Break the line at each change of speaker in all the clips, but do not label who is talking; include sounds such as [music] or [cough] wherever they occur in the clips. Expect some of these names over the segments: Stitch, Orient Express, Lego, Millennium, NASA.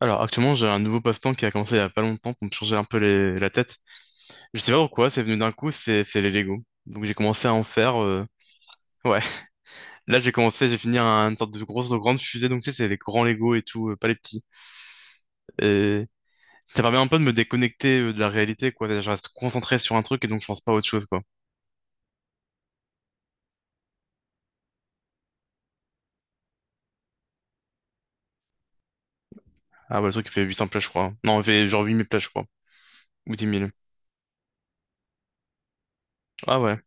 Alors actuellement j'ai un nouveau passe-temps qui a commencé il y a pas longtemps pour me changer un peu la tête. Je sais pas pourquoi, c'est venu d'un coup, c'est les Lego. Donc j'ai commencé à en faire. Ouais, [laughs] là j'ai commencé, j'ai fini une sorte de grande fusée. Donc tu sais, c'est des grands Lego et tout, pas les petits. Et ça permet un peu de me déconnecter de la réalité, quoi. C'est-à-dire, je reste concentré sur un truc et donc je pense pas à autre chose, quoi. Ah bah le truc il fait 800 plages, je crois. Non, il fait genre 8000 plages, je crois. Ou 10 000. Ah ouais.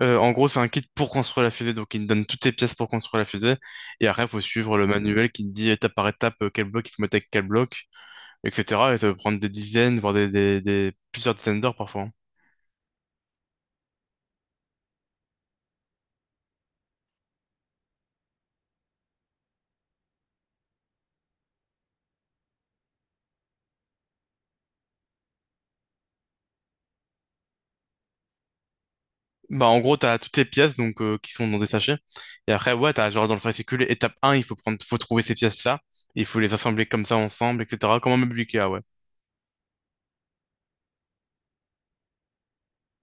En gros, c'est un kit pour construire la fusée, donc il te donne toutes tes pièces pour construire la fusée. Et après, il faut suivre le manuel qui te dit étape par étape quel bloc il faut mettre avec quel bloc, etc. Et ça peut prendre des dizaines, voire plusieurs dizaines d'heures parfois, hein. Bah, en gros, t'as toutes tes pièces donc, qui sont dans des sachets. Et après, ouais, t'as genre dans le fascicule, étape 1, il faut prendre, faut trouver ces pièces-là. Il faut les assembler comme ça ensemble, etc. Comme un meuble Ikea, ouais.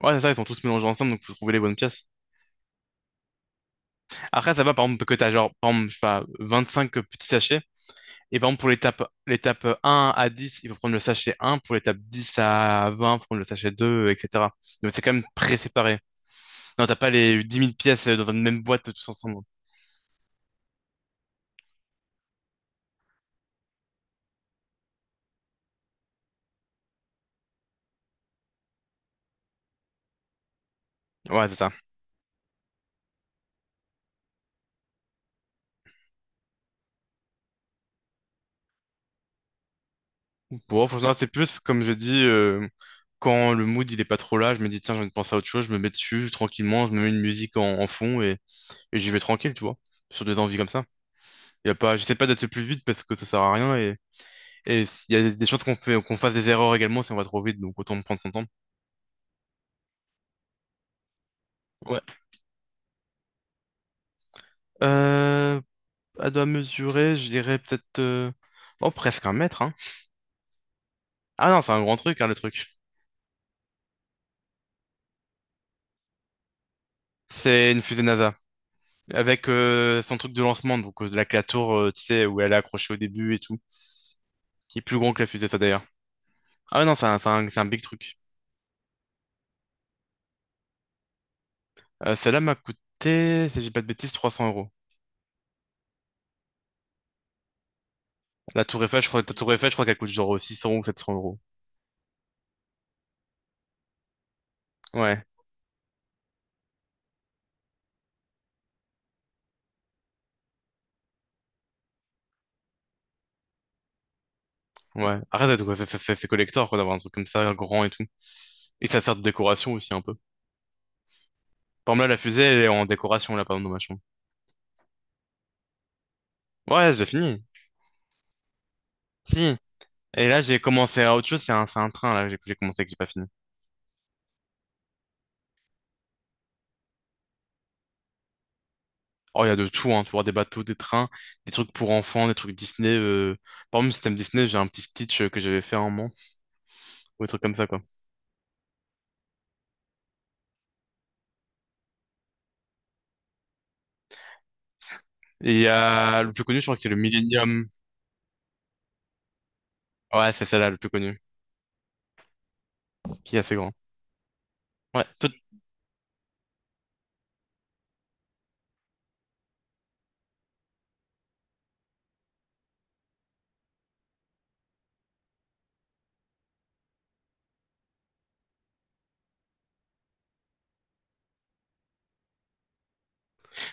Ouais, c'est ça, ils sont tous mélangés ensemble, donc faut trouver les bonnes pièces. Après, ça va, par exemple, que t'as genre, par exemple, je sais pas, 25 petits sachets. Et par exemple, pour l'étape 1 à 10, il faut prendre le sachet 1. Pour l'étape 10 à 20, il faut prendre le sachet 2, etc. Donc, c'est quand même pré-séparé. Non, t'as pas les 10 000 pièces dans une même boîte tous ensemble. Ouais, c'est ça. Bon, franchement, c'est plus, comme je dis, quand le mood, il est pas trop là, je me dis, tiens, j'ai envie de penser à autre chose, je me mets dessus tranquillement, je me mets une musique en fond, et j'y vais tranquille, tu vois. Sur des envies comme ça. Y a pas, j'essaie pas d'être le plus vite parce que ça sert à rien. Et il y a des chances qu'on fasse des erreurs également si on va trop vite, donc autant prendre son temps. Ouais. Euh, à doigt mesurer, je dirais peut-être. Oh, presque 1 mètre, hein. Ah non, c'est un grand truc, hein, le truc. C'est une fusée NASA. Avec son truc de lancement, donc avec la tour, tu sais, où elle est accrochée au début et tout. Qui est plus grand que la fusée, ça d'ailleurs. Ah non, c'est un big truc. Celle-là m'a coûté, si j'ai pas de bêtises, 300 euros. La tour Eiffel, je crois, la tour Eiffel, je crois qu'elle coûte genre 600 ou 700 euros. Ouais, ouais. Après, c'est collector, quoi, d'avoir un truc comme ça, grand et tout. Et ça sert de décoration aussi un peu. Par exemple, là, la fusée, elle est en décoration, là, par exemple, dans ma chambre. Ouais, j'ai fini. Si. Et là, j'ai commencé à autre chose, c'est un train, là, que j'ai commencé que j'ai pas fini. Oh, il y a de tout, hein, tu vois, des bateaux, des trains, des trucs pour enfants, des trucs Disney. Par exemple, système Disney, j'ai un petit Stitch que j'avais fait à un moment, ou des trucs comme ça, quoi. Et il y a le plus connu, je crois que c'est le Millennium. Ouais, c'est celle-là, le plus connu, qui est assez grand. Ouais,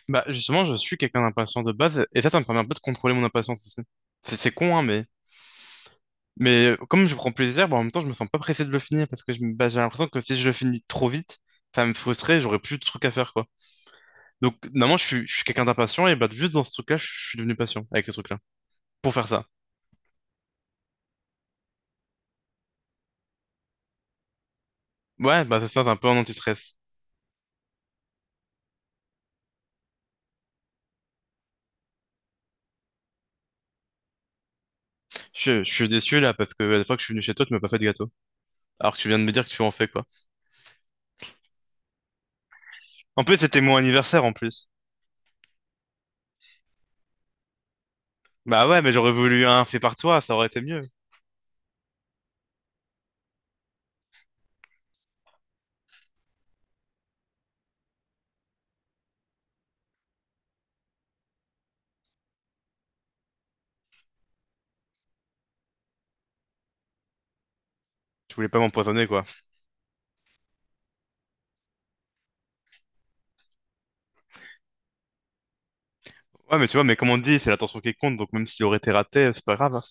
bah, justement, je suis quelqu'un d'impatient de base, et ça me permet un peu de contrôler mon impatience aussi. C'est con, hein, mais comme je prends plaisir, bah, en même temps, je me sens pas pressé de le finir parce que bah, j'ai l'impression que si je le finis trop vite, ça me frustrerait, j'aurais plus de trucs à faire, quoi. Donc, normalement, je suis quelqu'un d'impatient et bah, juste dans ce truc-là, je suis devenu patient avec ce truc-là pour faire ça. Ouais, bah, c'est ça, c'est un peu un anti-stress. Je suis déçu là parce que la fois que je suis venu chez toi, tu m'as pas fait de gâteau. Alors que tu viens de me dire que tu en fais, quoi. En plus, c'était mon anniversaire en plus. Bah ouais, mais j'aurais voulu un fait par toi, ça aurait été mieux. Tu voulais pas m'empoisonner, quoi. Ouais, mais tu vois, mais comme on dit, c'est l'attention qui compte, donc même s'il aurait été raté, c'est pas grave, hein.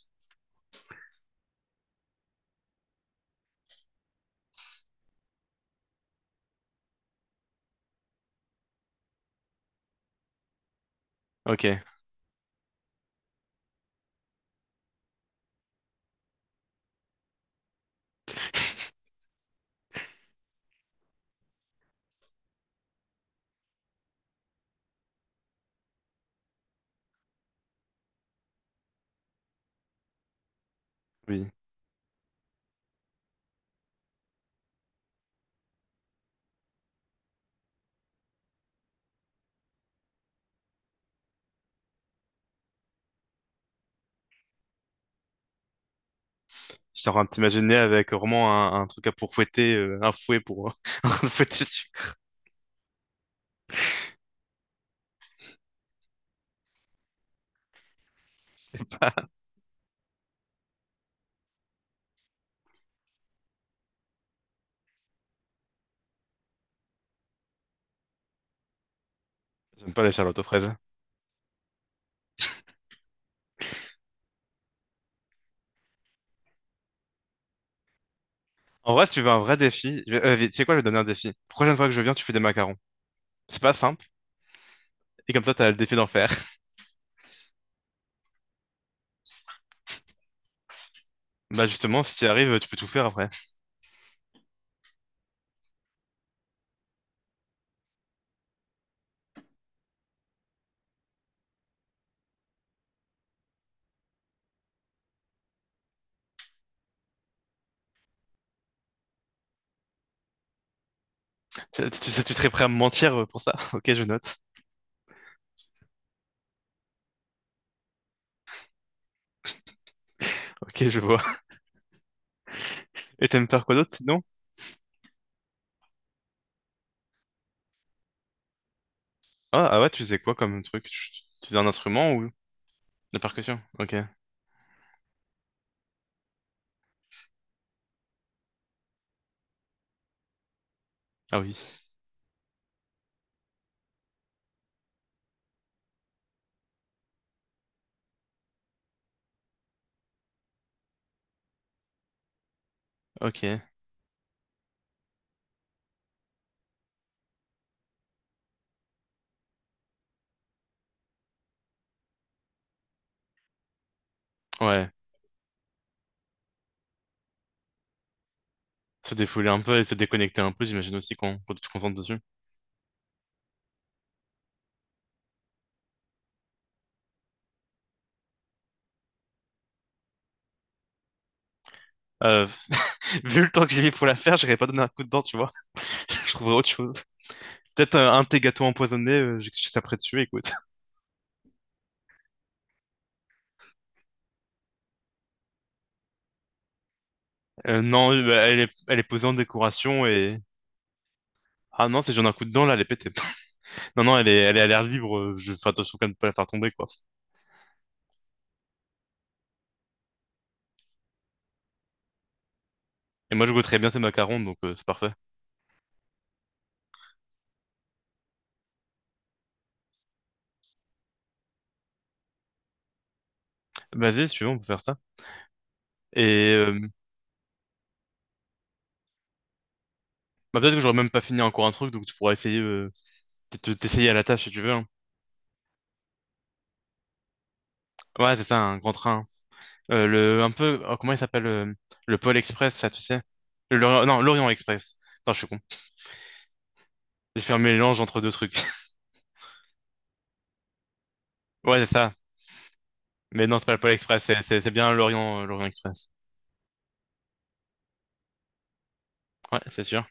Ok. [laughs] Oui. Genre, à t'imaginer avec vraiment un truc à pour fouetter, un fouet pour [laughs] fouetter le sucre. J'aime pas les charlottes aux fraises. En vrai, si tu veux un vrai défi, tu sais quoi, je vais te donner un défi. Prochaine fois que je viens, tu fais des macarons. C'est pas simple, et comme ça, t'as le défi d'en faire. [laughs] Bah justement, si tu y arrives, tu peux tout faire après. Tu sais, tu serais prêt à me mentir pour ça? [laughs] Ok, je note. Ok, je vois. [laughs] Et t'aimes faire quoi d'autre sinon? Ah ouais, tu sais quoi comme truc? Tu fais un instrument ou la percussion? Ok. Ah oui. Ok. Ouais. Se défouler un peu et se déconnecter un peu, j'imagine aussi qu'on quand tu te concentres dessus. Euh, Vu le temps que j'ai mis pour la faire, j'aurais pas donné un coup de dent, tu vois. [laughs] Je trouverais autre chose. Peut-être un de tes gâteaux empoisonnés, j'étais après dessus, écoute. Non, bah, elle est posée en décoration et. Ah non, si j'en ai un coup de dent, là, elle est pétée. [laughs] Non, non, elle est à l'air libre, je fais attention quand même de pas la faire tomber, quoi. Et moi, je goûterais bien tes macarons, donc c'est parfait. Vas-y, si tu veux, on peut faire ça. Et bah, peut-être que j'aurais même pas fini encore un truc, donc tu pourras essayer, peut-être t'essayer à la tâche si tu veux, hein. Ouais, c'est ça, un grand train. Un peu, oh, comment il s'appelle Pôle Express, ça, tu sais? Le Lorient- non, l'Orient Express. Attends, je suis con. J'ai fait un mélange entre deux trucs. [laughs] Ouais, c'est ça. Mais non, c'est pas le Pôle Express, c'est bien l'Orient, l'Orient Express. Ouais, c'est sûr.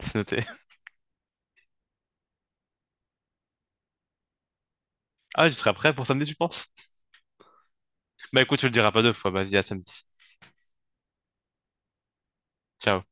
C'est noté. [laughs] Ah, tu seras prêt pour samedi, tu penses? Bah écoute, tu le diras pas deux fois. Vas-y, à samedi. Ciao.